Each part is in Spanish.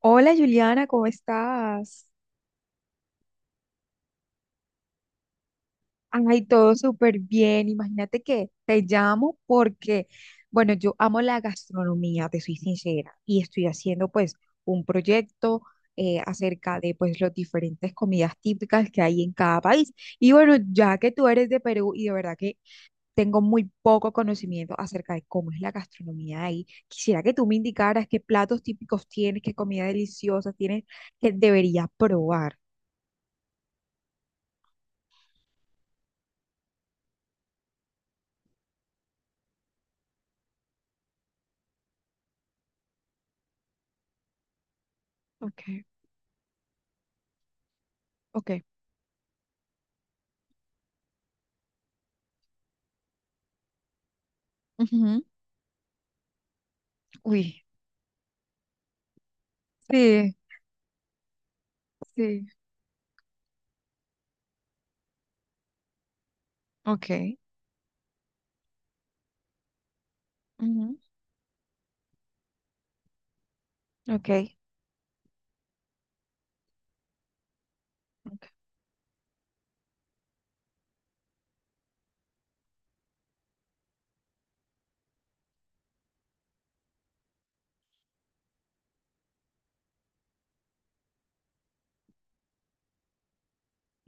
Hola Juliana, ¿cómo estás? Ay, todo súper bien. Imagínate que te llamo porque, bueno, yo amo la gastronomía, te soy sincera, y estoy haciendo pues un proyecto acerca de pues las diferentes comidas típicas que hay en cada país. Y bueno, ya que tú eres de Perú y de verdad que tengo muy poco conocimiento acerca de cómo es la gastronomía de ahí, quisiera que tú me indicaras qué platos típicos tienes, qué comida deliciosa tienes que debería probar. Ok, ok. Ujú. Uy, sí, sí, ok. Ujú, ok, ok,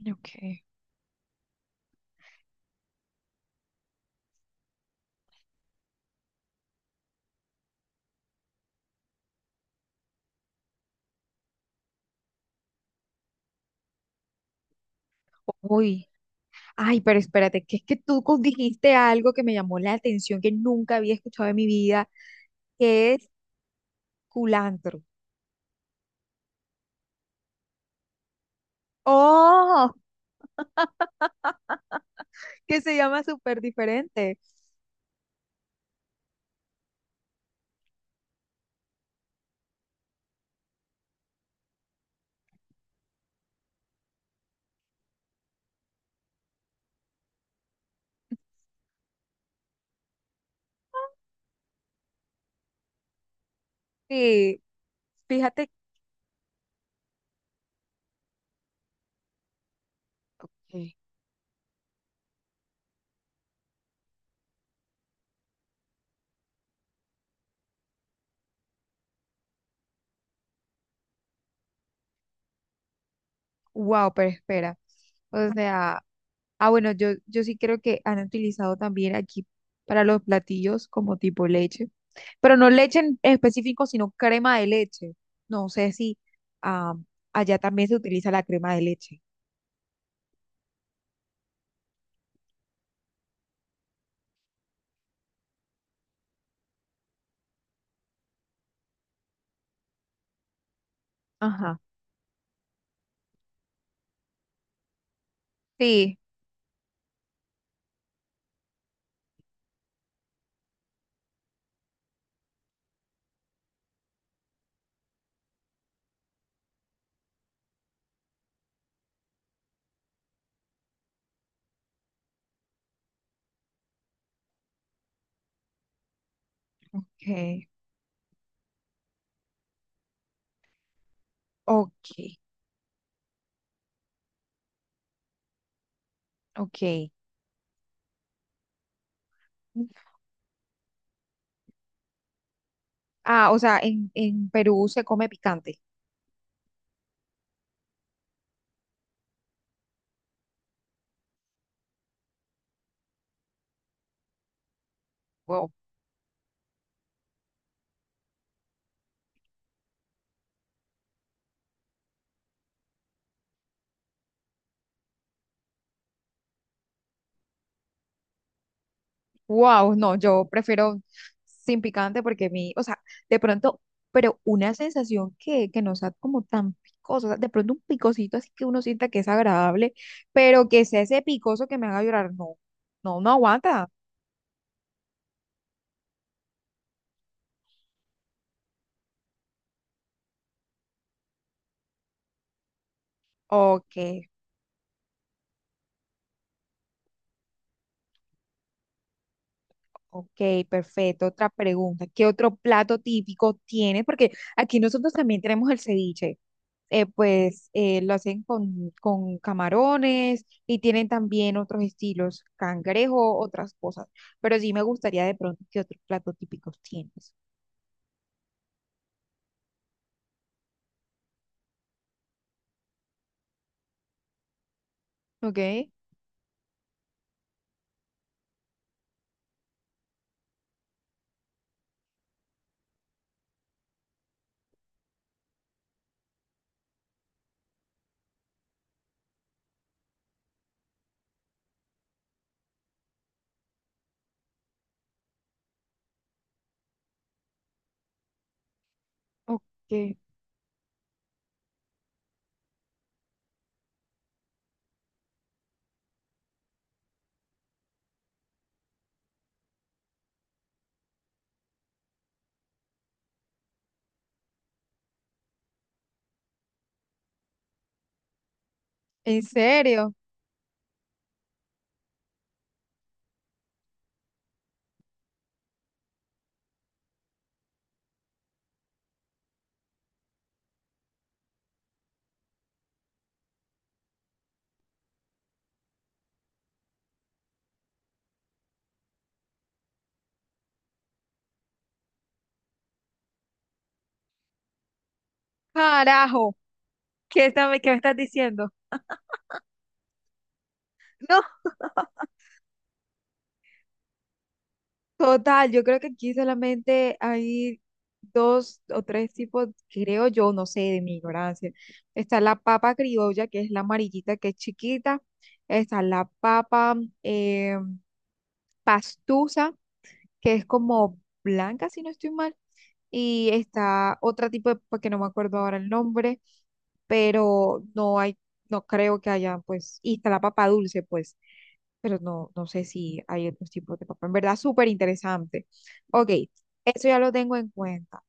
ok. Uy, ay, pero espérate, que es que dijiste algo que me llamó la atención, que nunca había escuchado en mi vida, que es culantro. Oh, que se llama súper diferente. Sí, fíjate. Ok. Wow, pero espera. O sea, ah, bueno, yo sí creo que han utilizado también aquí para los platillos como tipo leche, pero no leche en específico, sino crema de leche. No sé si ah, allá también se utiliza la crema de leche. Ajá. Sí. Ok, ok, ok. Ah, o sea, en Perú se come picante. Wow, no, yo prefiero sin picante porque mi, o sea, de pronto, pero una sensación que no sea como tan picosa, o sea, de pronto un picosito así que uno sienta que es agradable, pero que sea ese picoso que me haga llorar, no, no, no aguanta. Ok, ok, perfecto. Otra pregunta. ¿Qué otro plato típico tiene? Porque aquí nosotros también tenemos el ceviche. Lo hacen con camarones y tienen también otros estilos, cangrejo, otras cosas. Pero sí me gustaría de pronto qué otros platos típicos tienes. Ok, ok. ¿En serio? Carajo, ¿qué, está- qué me estás diciendo? No. Total, yo creo que aquí solamente hay dos o tres tipos, creo yo, no sé, de mi ignorancia. Está la papa criolla, que es la amarillita, que es chiquita. Está la papa eh, pastusa, que es como blanca, si no estoy mal. Y está otro tipo de, papa que no me acuerdo ahora el nombre, pero no hay no creo que haya, pues, y está la papa dulce, pues, pero no, no sé si hay otros tipos de papa. En verdad, súper interesante. Ok, eso ya lo tengo en cuenta.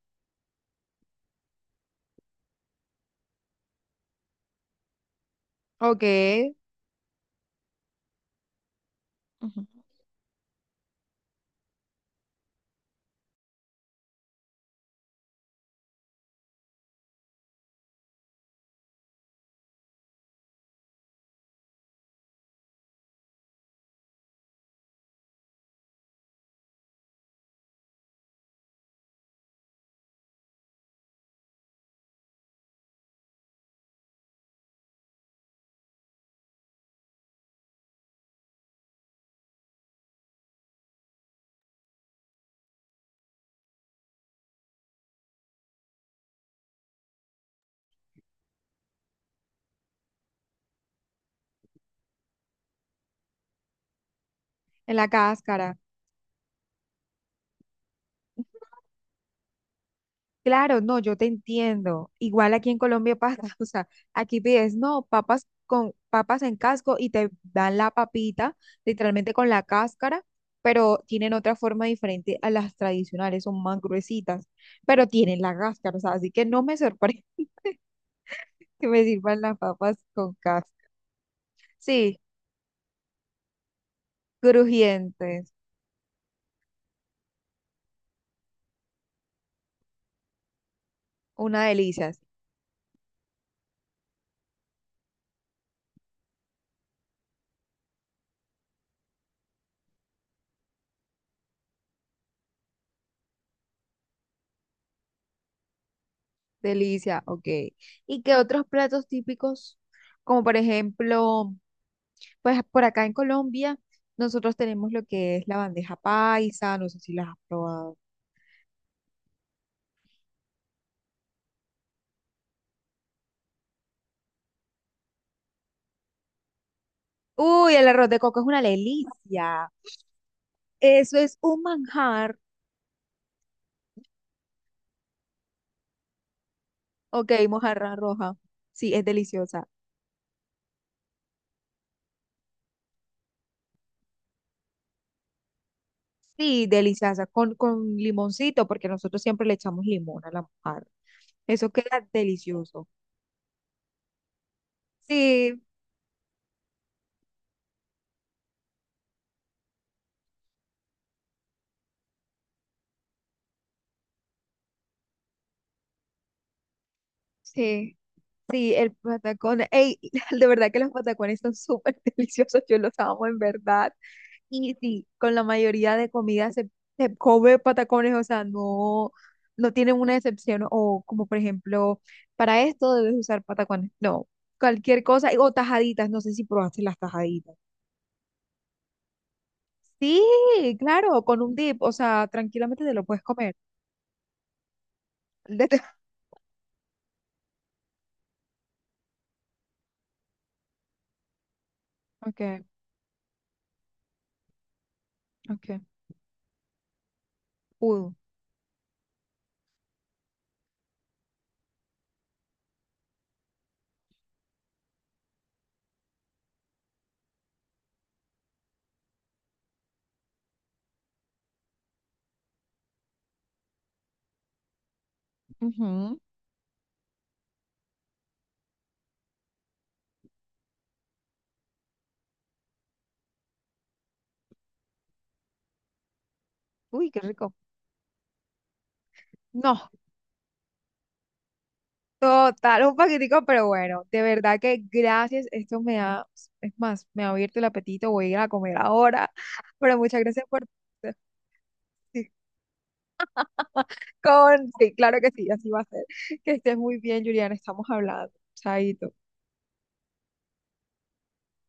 Ok, ujú, en la cáscara. Claro, no, yo te entiendo. Igual aquí en Colombia pasa, o sea, aquí pides, no, papas con papas en casco y te dan la papita, literalmente con la cáscara, pero tienen otra forma diferente a las tradicionales, son más gruesitas, pero tienen la cáscara, o sea, así que no me sorprende que me sirvan las papas con casca. Sí, crujientes, una delicia, sí, delicia, ok. ¿Y qué otros platos típicos? Como por ejemplo, pues por acá en Colombia, nosotros tenemos lo que es la bandeja paisa, no sé si las has probado. Uy, el arroz de coco es una delicia. Eso es un manjar. Ok, mojarra roja. Sí, es deliciosa. Sí, deliciosa, con limoncito, porque nosotros siempre le echamos limón a la mojarra. Eso queda delicioso. Sí, sí, sí, el patacón. Ey, de verdad que los patacones son súper deliciosos, yo los amo en verdad. Y sí, con la mayoría de comidas se come patacones, o sea, no, no tienen una excepción. O como por ejemplo, para esto debes usar patacones. No, cualquier cosa. Y- O tajaditas, no sé si probaste las tajaditas. Sí, claro, con un dip, o sea, tranquilamente te lo puedes comer. Okay, okay. Pudo. Ujú. Uy, qué rico. No, total, un paquetico, pero bueno, de verdad que gracias. Esto me ha, es más, me ha abierto el apetito, voy a ir a comer ahora. Pero muchas gracias por... Sí, con... sí, claro que sí, así va a ser. Que estés muy bien, Juliana, estamos hablando. Chaito.